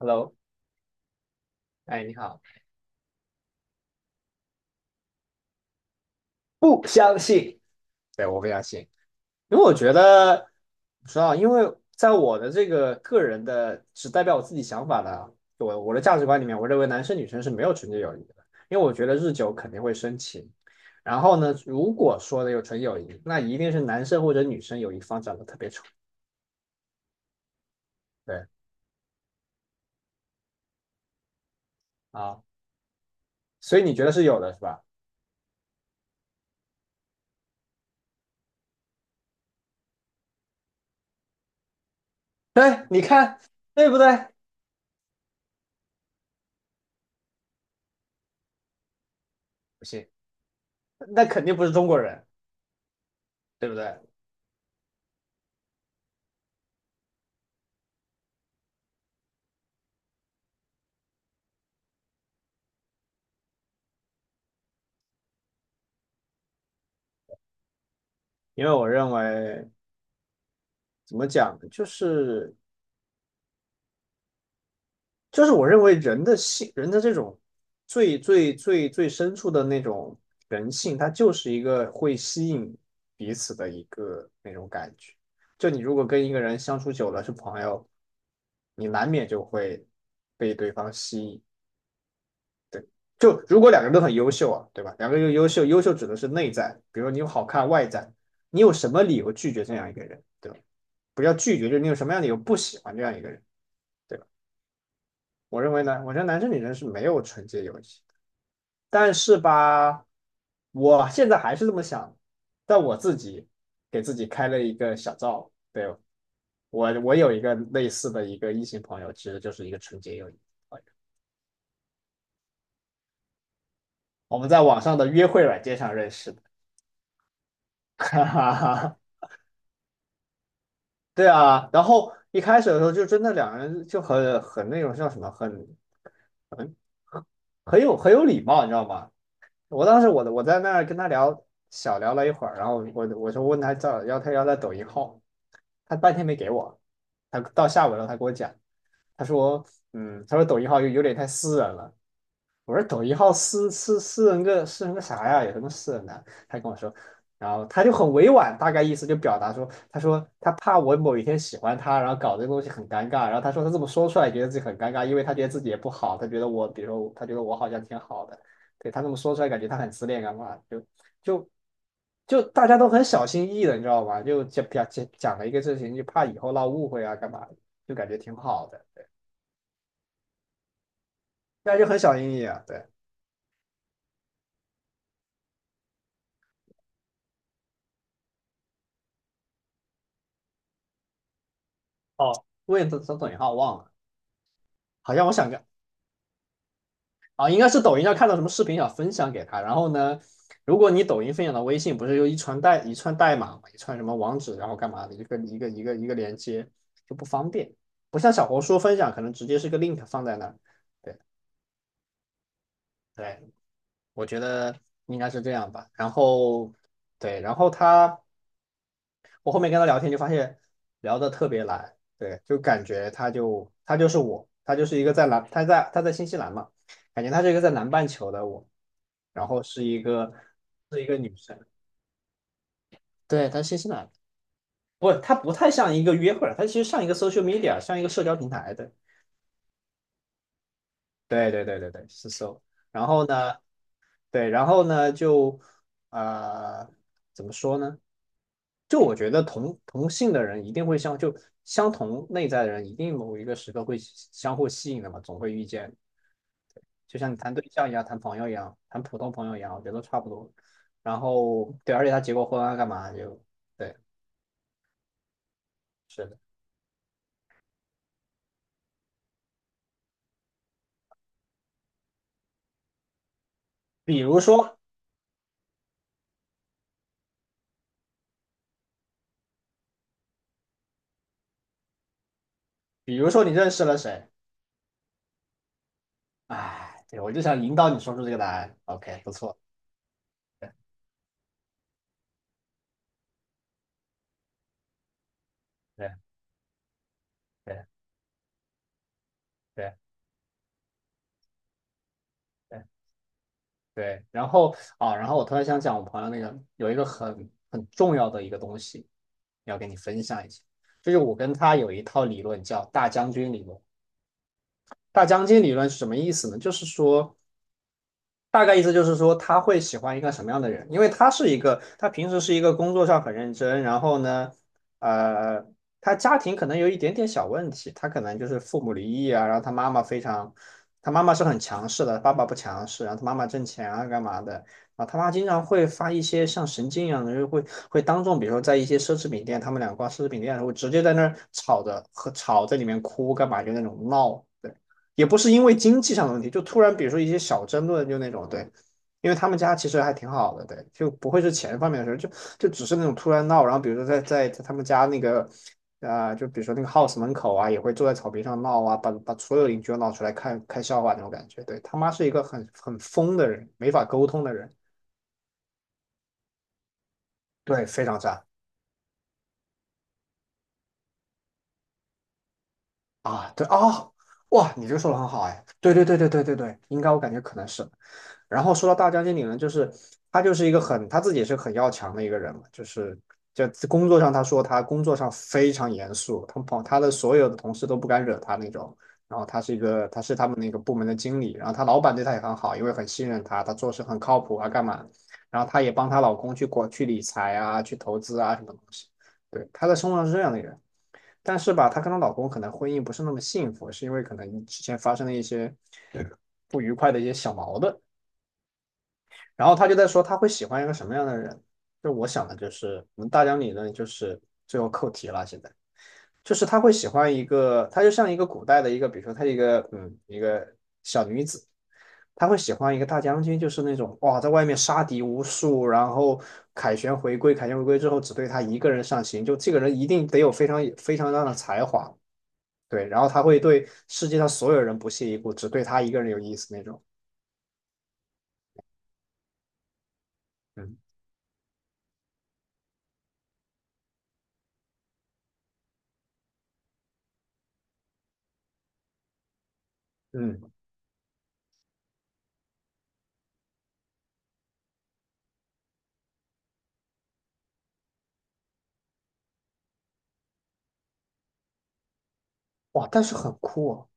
Hello，哎，你好。不相信。对，我不相信。因为我觉得，不知道，因为在我的这个个人的只代表我自己想法的，我的价值观里面，我认为男生女生是没有纯洁友谊的，因为我觉得日久肯定会生情。然后呢，如果说的有纯友谊，那一定是男生或者女生有一方长得特别丑。对啊，所以你觉得是有的是吧？对，你看对不对？不信，那肯定不是中国人，对不对？因为我认为。怎么讲呢？就是我认为人的性，人的这种最最最最深处的那种人性，它就是一个会吸引彼此的一个那种感觉。就你如果跟一个人相处久了是朋友，你难免就会被对方吸引。对，就如果两个人都很优秀啊，对吧？两个人优秀，优秀指的是内在，比如你有好看外在，你有什么理由拒绝这样一个人，对吧？不要拒绝，就是你有什么样的理由不喜欢这样一个人。对吧？我认为呢，我觉得男生女生是没有纯洁友谊的。但是吧，我现在还是这么想，但我自己给自己开了一个小灶。对，我有一个类似的一个异性朋友，其实就是一个纯洁友谊朋友。我们在网上的约会软件上认识的。哈哈哈，对啊。然后一开始的时候就真的两个人就很那种叫什么，很很有礼貌，你知道吗？我当时我在那儿跟他聊，小聊了一会儿，然后我就问他叫要他抖音号，他半天没给我，他到下午了他给我讲，他说他说抖音号有点太私人了。我说抖音号私人个啥呀？有什么私人的？他跟我说，然后他就很委婉，大概意思就表达说，他说他怕我某一天喜欢他，然后搞这个东西很尴尬。然后他说他这么说出来，觉得自己很尴尬，因为他觉得自己也不好，他觉得我，比如说他觉得我好像挺好的。对，他这么说出来，感觉他很自恋干嘛？就就大家都很小心翼翼的，你知道吗？就讲讲讲了一个事情，就怕以后闹误会啊，干嘛的，就感觉挺好的，对。大家就很小心翼翼啊，对。哦，为什么抖音号忘了？好像我想个啊，应该是抖音上看到什么视频想分享给他。然后呢，如果你抖音分享到微信，不是有一串代码嘛，一串什么网址，然后干嘛的一个连接，就不方便。不像小红书分享可能直接是个 link 放在那儿。对对，我觉得应该是这样吧。然后对，然后他。我后面跟他聊天就发现聊得特别来。对，就感觉他就他就是我，他就是一个在南，他在新西兰嘛，感觉他是一个在南半球的我，然后是一个是一个女生。对，他是新西兰的。不，他不太像一个约会儿，她其实像一个 social media，像一个社交平台的。对对对对对，是 so。然后呢，对，然后呢，就呃，怎么说呢？就我觉得同性的人一定会相同内在的人，一定某一个时刻会相互吸引的嘛，总会遇见。就像你谈对象一样，谈朋友一样，谈普通朋友一样，我觉得都差不多。然后对，而且他结过婚啊，干嘛就对，是的。比如说，比如说你认识了谁？哎，对，我就想引导你说出这个答案。OK，不错，对对对对对。对，然后啊，然后我突然想讲，我朋友那个有一个很重要的一个东西，要跟你分享一下，就是我跟他有一套理论叫大将军理论。大将军理论是什么意思呢？就是说，大概意思就是说，他会喜欢一个什么样的人？因为他是一个，他平时是一个工作上很认真。然后呢，呃，他家庭可能有一点点小问题，他可能就是父母离异啊，然后他妈妈非常，他妈妈是很强势的，爸爸不强势，然后他妈妈挣钱啊，干嘛的？啊，他妈经常会发一些像神经一样的，会当众，比如说在一些奢侈品店，他们俩逛奢侈品店的时候，直接在那儿吵着和吵在里面哭干嘛，就那种闹。对，也不是因为经济上的问题，就突然比如说一些小争论，就那种对，因为他们家其实还挺好的，对，就不会是钱方面的事儿，就只是那种突然闹。然后比如说在他们家那个就比如说那个 house 门口啊，也会坐在草坪上闹啊，把所有邻居都闹出来看看笑话那种感觉。对，他妈是一个很疯的人，没法沟通的人。对，非常渣啊。对啊，哦哇，你这个说的很好哎，对对对对对对对，应该我感觉可能是。然后说到大将军理呢，就是他就是一个很他自己也是很要强的一个人嘛。就工作上他说他工作上非常严肃，他的所有的同事都不敢惹他那种。然后他是一个他是他们那个部门的经理，然后他老板对他也很好，因为很信任他，他做事很靠谱啊，干嘛？然后他也帮她老公去理财啊，去投资啊，什么东西。对，他在生活上是这样的人。但是吧，她跟她老公可能婚姻不是那么幸福，是因为可能之前发生了一些不愉快的一些小矛盾。然后他就在说他会喜欢一个什么样的人。就我想的就是，我们大疆理论就是最后扣题了。现在就是他会喜欢一个，他就像一个古代的一个，比如说他一个一个小女子，他会喜欢一个大将军，就是那种哇在外面杀敌无数，然后凯旋回归，凯旋回归之后只对他一个人上行，就这个人一定得有非常非常大的才华。对，然后他会对世界上所有人不屑一顾，只对他一个人有意思那种。嗯嗯，哇，但是很酷哦。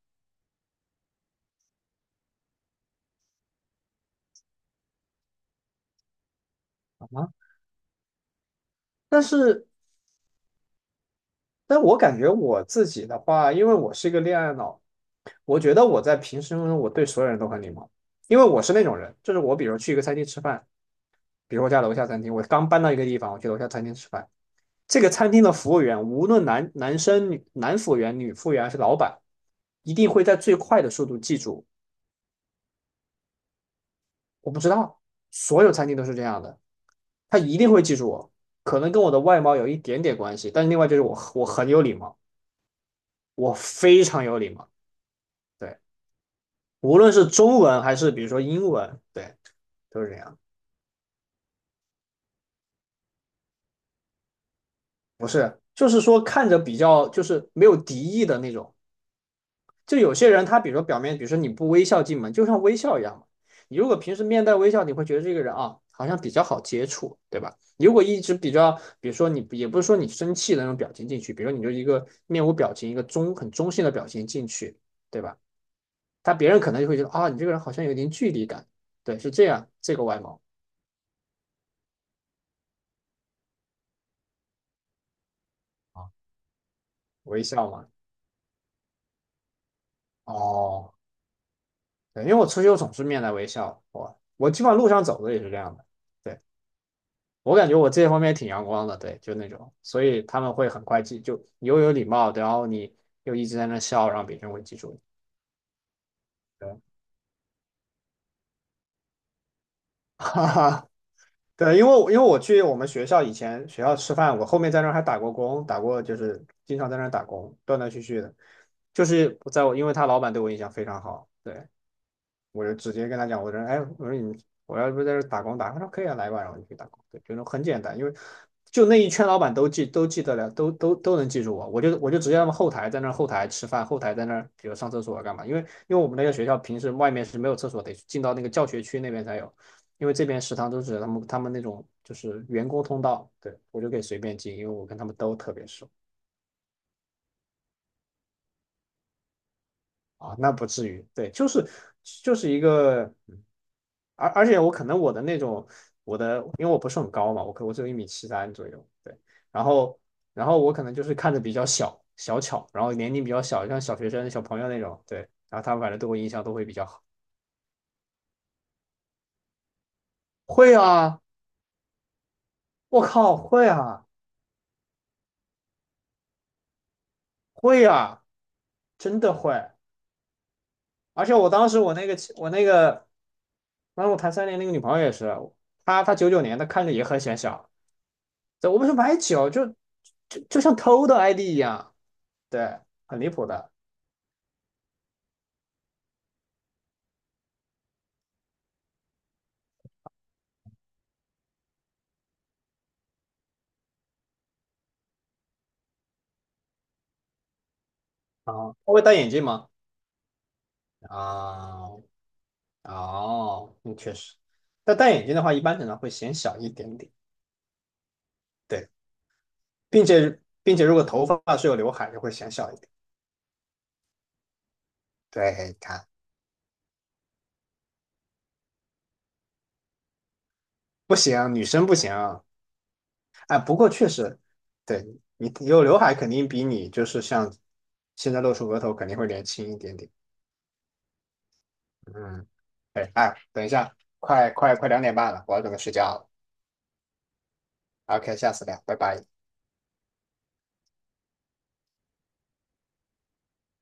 啊！吗？但是，但我感觉我自己的话，因为我是一个恋爱脑，我觉得我在平时中我对所有人都很礼貌，因为我是那种人，就是我比如去一个餐厅吃饭，比如我家楼下餐厅，我刚搬到一个地方，我去楼下餐厅吃饭，这个餐厅的服务员，无论男生、男服务员、女服务员还是老板，一定会在最快的速度记住。我不知道，所有餐厅都是这样的，他一定会记住我，可能跟我的外貌有一点点关系，但是另外就是我很有礼貌，我非常有礼貌。对。无论是中文还是比如说英文，对，都是这样。不是，就是说看着比较就是没有敌意的那种。就有些人他比如说表面，比如说你不微笑进门，就像微笑一样嘛。你如果平时面带微笑，你会觉得这个人啊好像比较好接触，对吧？如果一直比较，比如说你也不是说你生气的那种表情进去，比如说你就一个面无表情，一个中很中性的表情进去，对吧？他别人可能就会觉得啊你这个人好像有点距离感，对，是这样，这个外貌啊，微笑嘛，哦。对，因为我出去我总是面带微笑，我基本上路上走的也是这样的。对，我感觉我这方面挺阳光的，对，就那种，所以他们会很快记，就你又有礼貌，然后你又一直在那笑，然后别人会记住你。对，哈哈，对，因为我去我们学校以前学校吃饭，我后面在那儿还打过工，打过就是经常在那儿打工，断断续续的，就是在我因为他老板对我印象非常好，对，我就直接跟他讲，我说，哎，我说你，我要不在这打工打他说可以啊，来吧，然后我就去打工，对，就是很简单，因为就那一圈老板都记得了，都能记住我，我就直接让他们后台在那儿后台吃饭，后台在那儿比如上厕所啊干嘛，因为我们那个学校平时外面是没有厕所，得进到那个教学区那边才有，因为这边食堂都是他们那种就是员工通道，对，我就可以随便进，因为我跟他们都特别熟。啊，那不至于，对，就是就是一个，嗯而且我可能我的那种我的，因为我不是很高嘛，我只有1米73左右，对，然后然后我可能就是看着比较小小巧，然后年龄比较小，像小学生小朋友那种，对，然后他们反正对我印象都会比较好。会啊，我靠，会啊，会啊，真的会，而且我那个，当时我谈3年那个女朋友也是，她99年的，看着也很显小。对，我们说买酒，就像偷的 ID 一样，对，很离谱的。啊，他会戴眼镜吗？啊，哦，嗯，确实，但戴眼镜的话，一般可能会显小一点点，对，并且如果头发是有刘海，就会显小一点。对，你看不行，女生不行。哎，不过确实，对你有刘海，肯定比你就是像现在露出额头，肯定会年轻一点点。嗯，哎哎，等一下，快2点半了，我要准备睡觉了。好 OK，下次聊，拜拜。